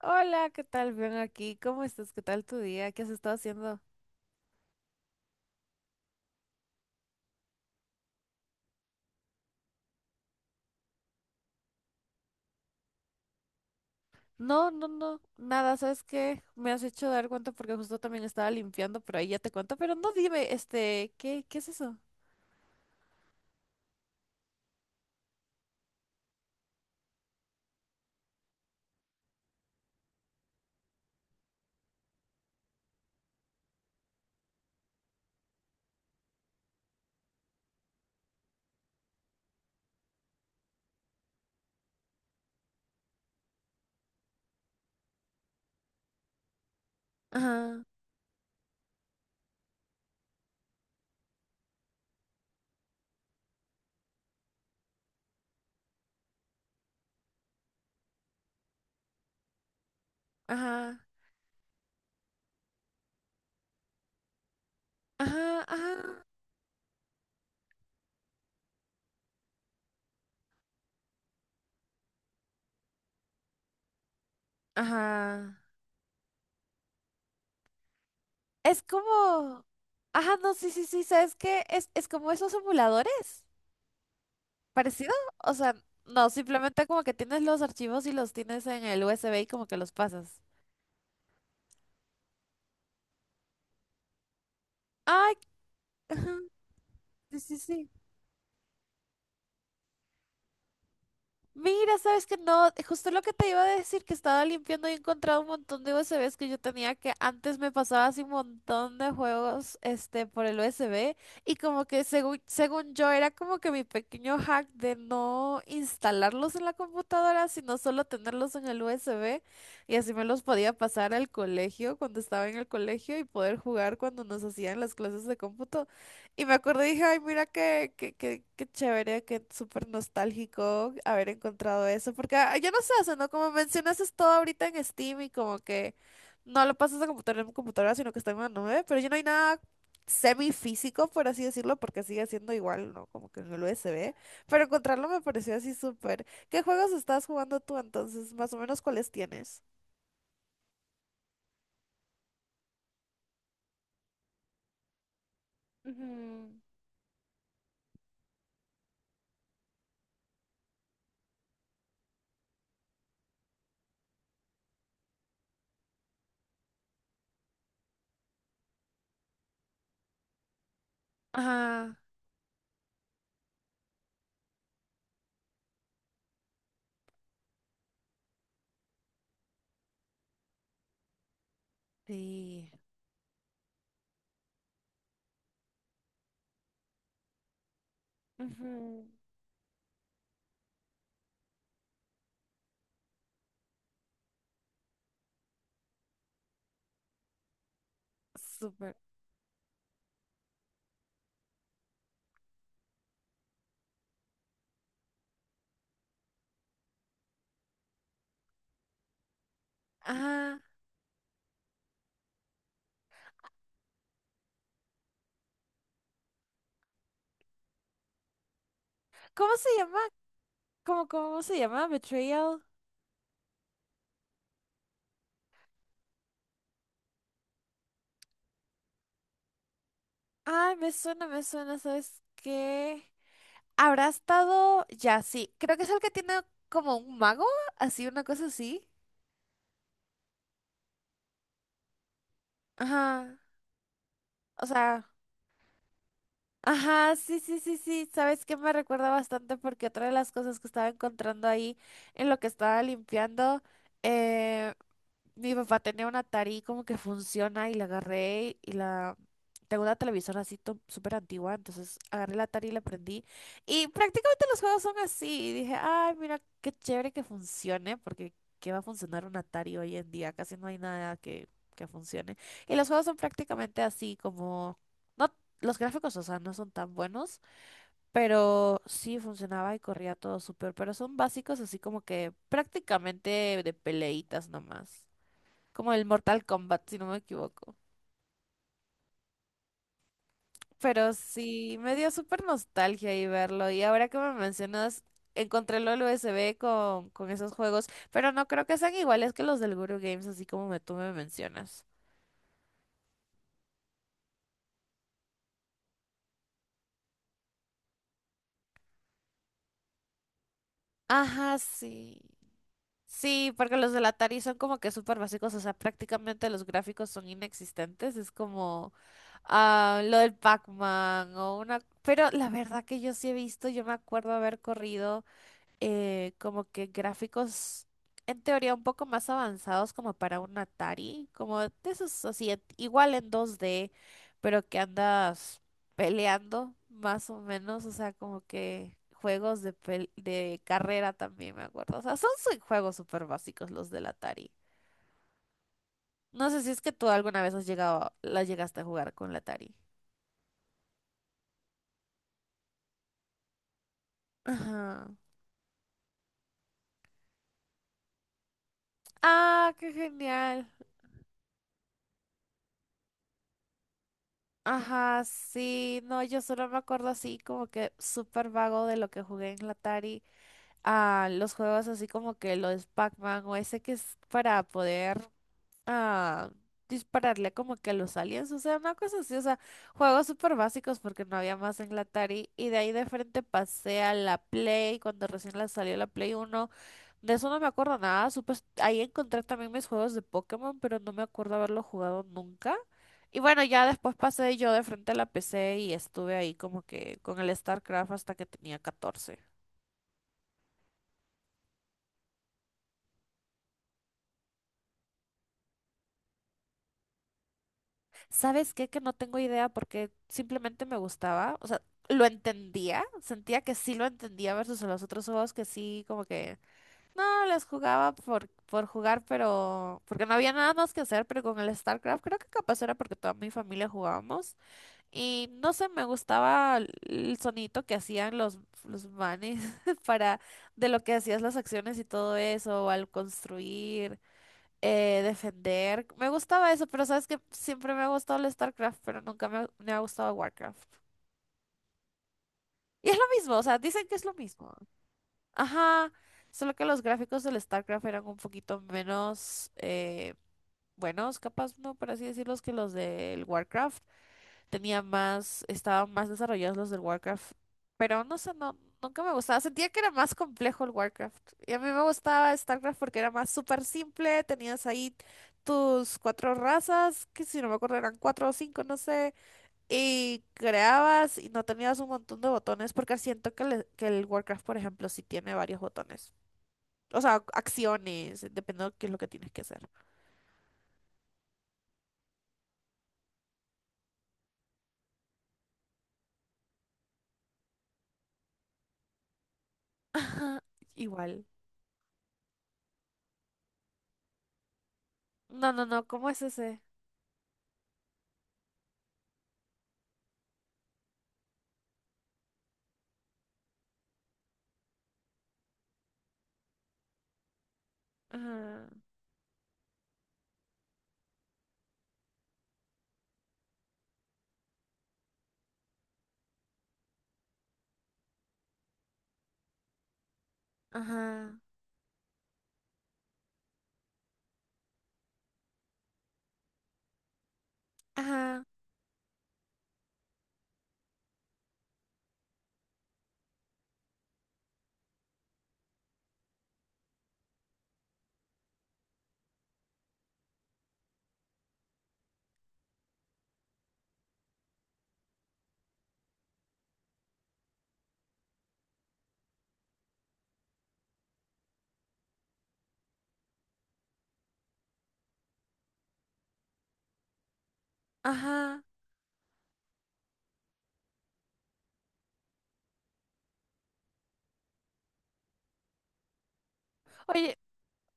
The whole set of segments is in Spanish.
Hola, ¿qué tal? Bien aquí. ¿Cómo estás? ¿Qué tal tu día? ¿Qué has estado haciendo? No, nada, ¿sabes qué? Me has hecho dar cuenta porque justo también estaba limpiando, pero ahí ya te cuento, pero no dime, ¿qué es eso? Ajá, ajá, ajá, ajá, ajá. Es como, ajá, no, sí, ¿sabes qué? Es como esos emuladores, parecido, o sea, no, simplemente como que tienes los archivos y los tienes en el USB y como que los pasas. Ay, ajá, sí. Mira, sabes que no, justo lo que te iba a decir, que estaba limpiando y he encontrado un montón de USBs que yo tenía, que antes me pasaba así un montón de juegos este por el USB y como que según yo era como que mi pequeño hack de no instalarlos en la computadora, sino solo tenerlos en el USB y así me los podía pasar al colegio cuando estaba en el colegio y poder jugar cuando nos hacían las clases de cómputo. Y me acordé y dije, ay, mira qué chévere, qué súper nostálgico haber encontrado eso. Porque ah, yo no sé, o sea, ¿no? Como mencionas, es todo ahorita en Steam y como que no lo pasas a computadora en computadora, sino que está en una nube. Pero ya no hay nada semifísico, por así decirlo, porque sigue siendo igual, ¿no? Como que en el USB. Pero encontrarlo me pareció así súper. ¿Qué juegos estás jugando tú entonces? Más o menos, ¿cuáles tienes? Ah, sí. Ujú. Súper. Ah, ¿cómo se llama? ¿Cómo se llama? Betrayal. Ay, me suena, ¿sabes qué? ¿Habrá estado? Ya, sí. Creo que es el que tiene como un mago, así, una cosa así. Ajá. O sea, ajá, sí. ¿Sabes qué? Me recuerda bastante porque otra de las cosas que estaba encontrando ahí en lo que estaba limpiando. eh, Mi papá tenía una Atari como que funciona y la agarré y la... Tengo una televisora así súper antigua, entonces agarré la Atari y la prendí. Y prácticamente los juegos son así. Y dije, ay, mira, qué chévere que funcione, porque ¿qué va a funcionar un Atari hoy en día? Casi no hay nada que funcione. Y los juegos son prácticamente así, como... No, los gráficos, o sea, no son tan buenos, pero sí funcionaba y corría todo súper. Pero son básicos, así como que prácticamente de peleitas nomás, como el Mortal Kombat, si no me equivoco. Pero sí, me dio súper nostalgia y verlo. Y ahora que me mencionas, encontré el USB con esos juegos, pero no creo que sean iguales que los del Guru Games, así como tú me mencionas. Ajá, sí. Sí, porque los del Atari son como que súper básicos, o sea, prácticamente los gráficos son inexistentes. Es como ah, lo del Pac-Man o una... Pero la verdad que yo sí he visto, yo me acuerdo haber corrido. Como que gráficos en teoría un poco más avanzados como para un Atari, como de esos así, igual en dos d, pero que andas peleando más o menos, o sea, como que juegos de, de carrera también me acuerdo, o sea, son juegos súper básicos los del Atari. No sé si es que tú alguna vez has llegado, la llegaste a jugar con la Atari. Ajá. Ah, qué genial. Ajá, sí, no, yo solo me acuerdo así como que súper vago de lo que jugué en la Atari, a los juegos así como que los Pac-Man o ese que es para poder a dispararle como que a los aliens, o sea, una cosa así, o sea, juegos súper básicos porque no había más en la Atari y de ahí de frente pasé a la Play cuando recién la salió la Play uno. De eso no me acuerdo nada, supe, ahí encontré también mis juegos de Pokémon, pero no me acuerdo haberlo jugado nunca. Y bueno, ya después pasé yo de frente a la PC y estuve ahí como que con el StarCraft hasta que tenía catorce. ¿Sabes qué? Que no tengo idea porque simplemente me gustaba. O sea, lo entendía. Sentía que sí lo entendía versus los otros juegos que sí, como que no les jugaba por jugar, pero porque no había nada más que hacer. Pero con el StarCraft creo que capaz era porque toda mi familia jugábamos. Y no sé, me gustaba el sonidito que hacían los manes para de lo que hacías las acciones y todo eso, o al construir defender. Me gustaba eso, pero sabes que siempre me ha gustado el StarCraft, pero nunca me, me ha gustado Warcraft. Y es lo mismo, o sea, dicen que es lo mismo. Ajá, solo que los gráficos del StarCraft eran un poquito menos. Buenos, capaz no, por así decirlos, que los del Warcraft. Tenía más, estaban más desarrollados los del Warcraft. Pero no sé, no, nunca me gustaba. Sentía que era más complejo el Warcraft. Y a mí me gustaba StarCraft porque era más súper simple. Tenías ahí tus cuatro razas, que si no me acuerdo eran cuatro o cinco, no sé. Y creabas y no tenías un montón de botones porque siento que, que el Warcraft, por ejemplo, sí tiene varios botones. O sea, acciones, dependiendo de qué es lo que tienes que hacer. Ajá. Igual. No, ¿cómo es ese? Ajá, ajá, ajá, ajá. Oye,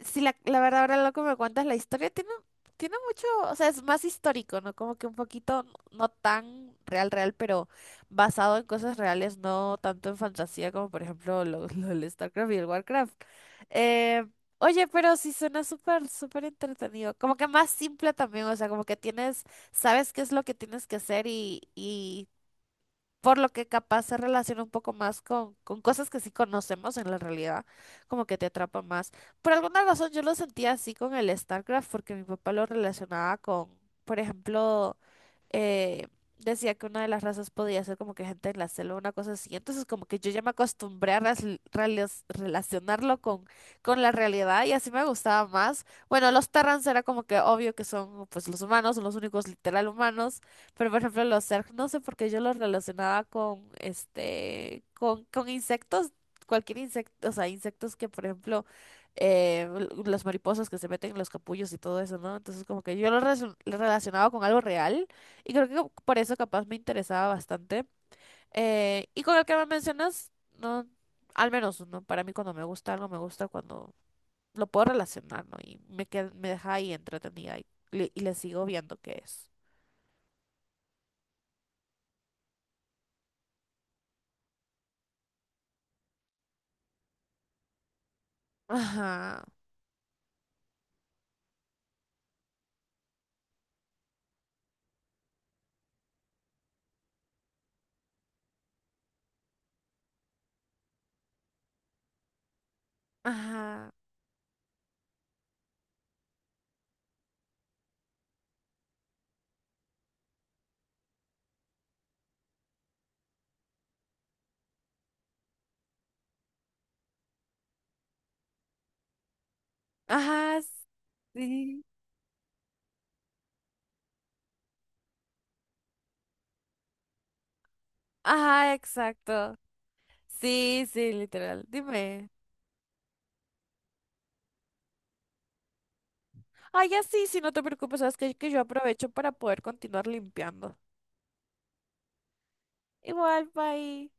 si la verdad ahora lo que me cuentas, la historia tiene, tiene mucho, o sea, es más histórico, ¿no? Como que un poquito, no no tan real, pero basado en cosas reales, no tanto en fantasía como por ejemplo lo del StarCraft y el Warcraft. Eh, oye, pero sí suena súper entretenido. Como que más simple también, o sea, como que tienes, sabes qué es lo que tienes que hacer y por lo que capaz se relaciona un poco más con cosas que sí conocemos en la realidad, como que te atrapa más. Por alguna razón yo lo sentía así con el StarCraft, porque mi papá lo relacionaba con, por ejemplo, eh, decía que una de las razas podía ser como que gente en la selva, una cosa así. Entonces como que yo ya me acostumbré a relacionarlo con la realidad y así me gustaba más. Bueno, los Terrans era como que obvio que son pues los humanos, son los únicos literal humanos. Pero por ejemplo, los Zerg, no sé por qué yo los relacionaba con con insectos, cualquier insecto, o sea, insectos que, por ejemplo, eh, las mariposas que se meten en los capullos y todo eso, ¿no? Entonces, como que yo los los relacionaba con algo real y creo que por eso capaz me interesaba bastante. Y con el que me mencionas, no, al menos, ¿no? Para mí cuando me gusta algo, me gusta cuando lo puedo relacionar, ¿no? Y me me deja ahí entretenida y le sigo viendo qué es. Ajá. Ajá, ajá, sí, ajá, exacto. Sí, sí, literal. Dime. Ay, ya, sí, sí, no te preocupes, sabes que yo aprovecho para poder continuar limpiando. Igual, bye.